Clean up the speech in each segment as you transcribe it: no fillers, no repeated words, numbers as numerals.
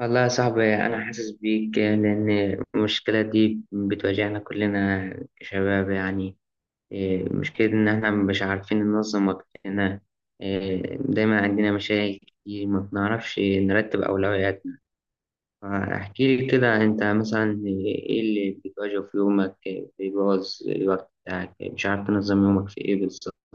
والله يا صاحبي، أنا حاسس بيك، لأن المشكلة دي بتواجهنا كلنا كشباب. يعني مشكلة إن إحنا مش عارفين ننظم وقتنا. دايما عندنا مشاكل كتير، ما بنعرفش نرتب أولوياتنا. فاحكي لي كده، أنت مثلا إيه اللي بتواجهه في يومك؟ بيبوظ الوقت بتاعك؟ مش عارف تنظم يومك في إيه بالظبط؟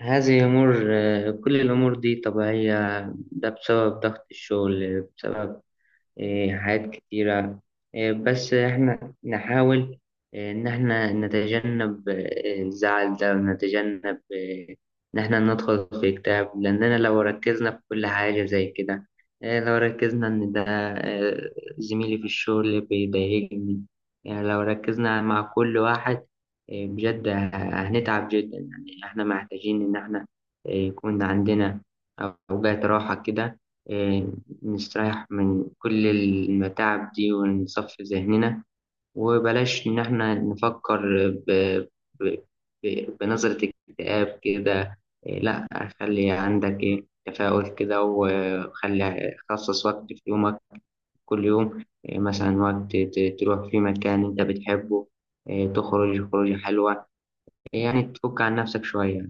هذه أمور آه، كل الأمور دي طبيعية. ده بسبب ضغط الشغل، بسبب حاجات كتيرة. بس إحنا نحاول إن إحنا نتجنب الزعل ده، ونتجنب إن إحنا ندخل في اكتئاب. لأننا لو ركزنا في كل حاجة زي كده، لو ركزنا إن ده إيه، زميلي في الشغل بيضايقني، يعني لو ركزنا مع كل واحد بجد هنتعب جدا. يعني إحنا محتاجين إن إحنا يكون عندنا أوقات راحة كده، إيه، نستريح من كل المتاعب دي ونصفي ذهننا. وبلاش إن إحنا نفكر ب... ب... بنظرة اكتئاب كده. إيه، لأ. خلي عندك تفاؤل كده. وخلي خصص وقت في يومك، كل يوم مثلا وقت تروح في مكان أنت بتحبه، تخرج خروجة حلوة، يعني تفك عن نفسك شوية.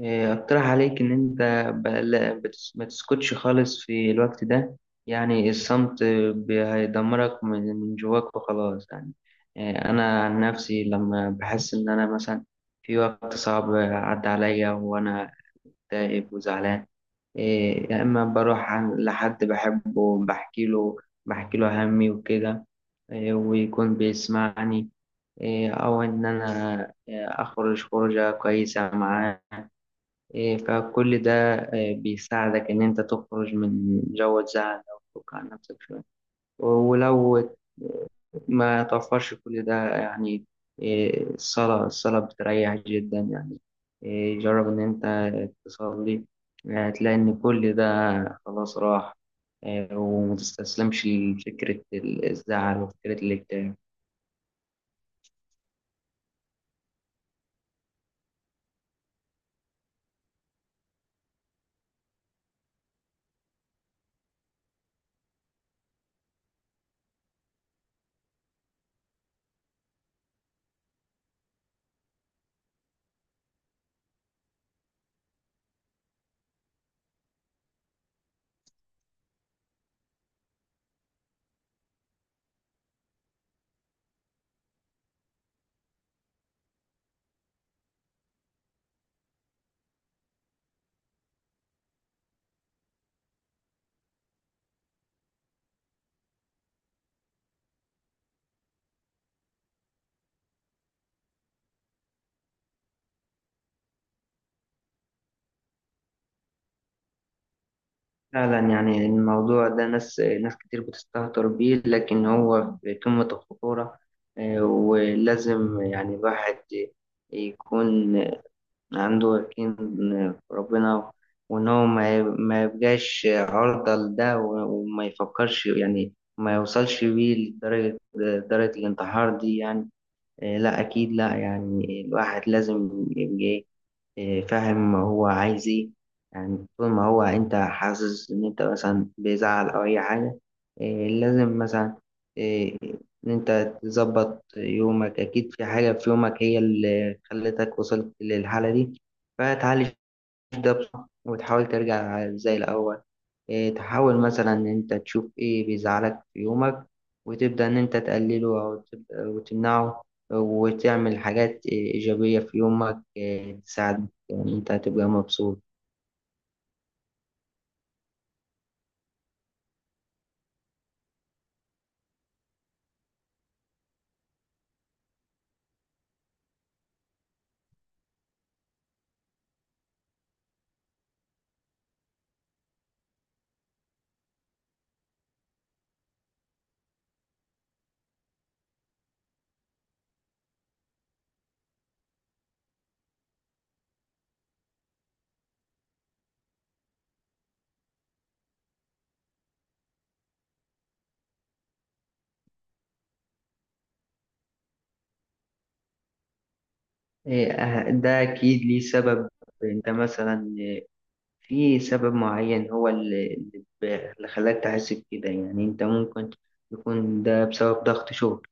اقترح عليك ان انت ما تسكتش خالص في الوقت ده. يعني الصمت هيدمرك من جواك وخلاص. يعني انا عن نفسي لما بحس ان انا مثلا في وقت صعب عدى عليا وانا تائب وزعلان، يا اما بروح لحد بحبه بحكي له بحكي له همي وكده، ويكون بيسمعني، او ان انا اخرج خروجه كويسه معاه. فكل ده بيساعدك إن أنت تخرج من جو الزعل أو تفك عن نفسك شوية. ولو ما توفرش كل ده، يعني الصلاة الصلاة بتريح جدا. يعني جرب إن أنت تصلي. هتلاقي إن كل ده خلاص راح. ومتستسلمش لفكرة الزعل وفكرة الاكتئاب. فعلا يعني الموضوع ده ناس كتير بتستهتر بيه، لكن هو في قمة الخطورة. ولازم يعني الواحد يكون عنده يقين في ربنا. وإن هو ما يبقاش عرضة لده، وما يفكرش، يعني ما يوصلش بيه لدرجة درجة الانتحار دي. يعني لا، أكيد لا. يعني الواحد لازم يبقى فاهم هو عايز ايه. يعني طول ما هو انت حاسس ان انت مثلا بيزعل او اي حاجة، لازم مثلا إيه، ان انت تظبط يومك. اكيد في حاجة في يومك هي اللي خلتك وصلت للحالة دي. فتعالج، تبدأ بصح وتحاول ترجع زي الأول. تحاول مثلا إن أنت تشوف إيه بيزعلك في يومك، وتبدأ إن أنت تقلله أو تبدأ وتمنعه، وتعمل حاجات إيجابية في يومك، تساعدك إن أنت تبقى مبسوط. ده أكيد ليه سبب. أنت مثلا في سبب معين هو اللي اللي خلاك تحس بكده. يعني أنت ممكن يكون ده بسبب ضغط شغل.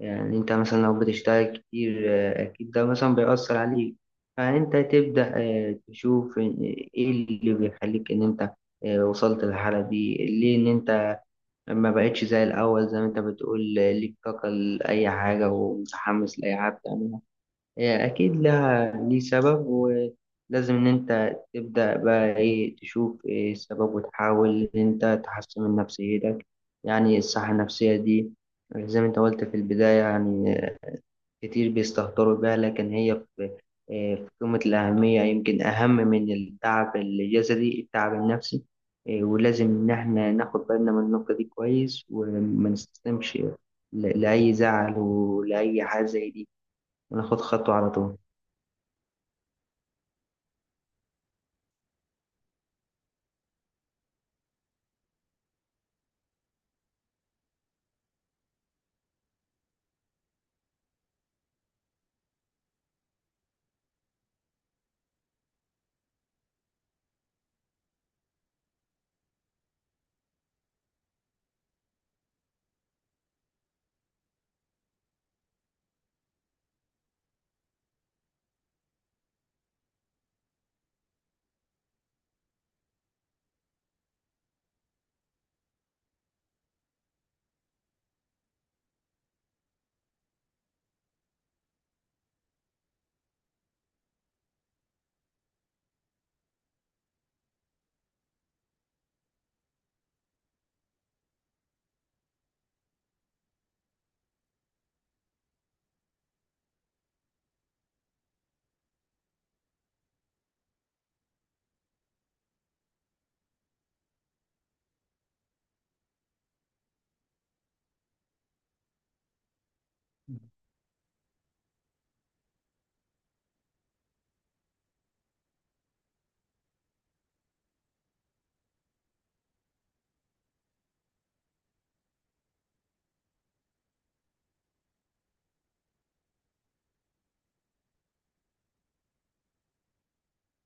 يعني انت مثلا لو بتشتغل كتير، اكيد ده مثلا بيأثر عليك. فانت تبدأ تشوف ايه اللي بيخليك ان انت وصلت للحالة دي ليه. ان انت ما بقتش زي الاول، زي ما انت بتقول ليك طاقة لأي حاجة ومتحمس لأي حاجة بتعملها. اكيد لها ليه سبب، ولازم ان انت تبدأ بقى تشوف ايه السبب، وتحاول ان انت تحسن من نفسيتك. يعني الصحة النفسية دي، زي ما انت قلت في البداية، يعني كتير بيستهتروا بيها، لكن هي في قمة الأهمية. يمكن أهم من التعب الجسدي التعب النفسي. ولازم إن إحنا ناخد بالنا من النقطة دي كويس، وما نستسلمش لأي زعل ولأي حاجة زي دي، وناخد خطوة على طول.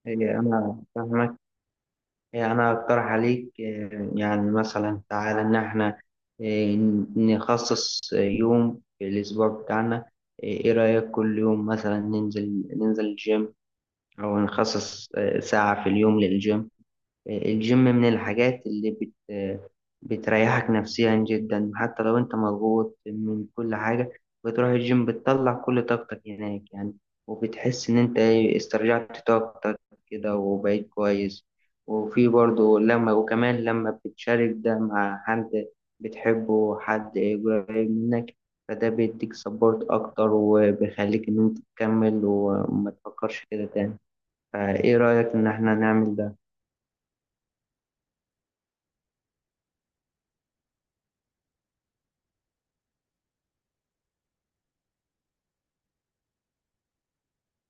أنا فاهمك. أنا أقترح عليك يعني مثلا تعالى إن إحنا آه، نخصص يوم في الأسبوع بتاعنا. إيه رأيك كل يوم مثلا ننزل، الجيم؟ أو نخصص ساعة في اليوم للجيم. الجيم من الحاجات اللي بت آه، بتريحك نفسيا جدا، حتى لو أنت مضغوط من كل حاجة. بتروح الجيم، بتطلع كل طاقتك هناك يعني. وبتحس إن أنت استرجعت طاقتك كده وبقيت كويس. وفي برضه وكمان لما بتشارك ده مع حد بتحبه، حد قريب منك. فده بيديك سبورت أكتر، وبيخليك إن أنت تكمل وما تفكرش كده تاني. فايه رأيك ان احنا نعمل ده؟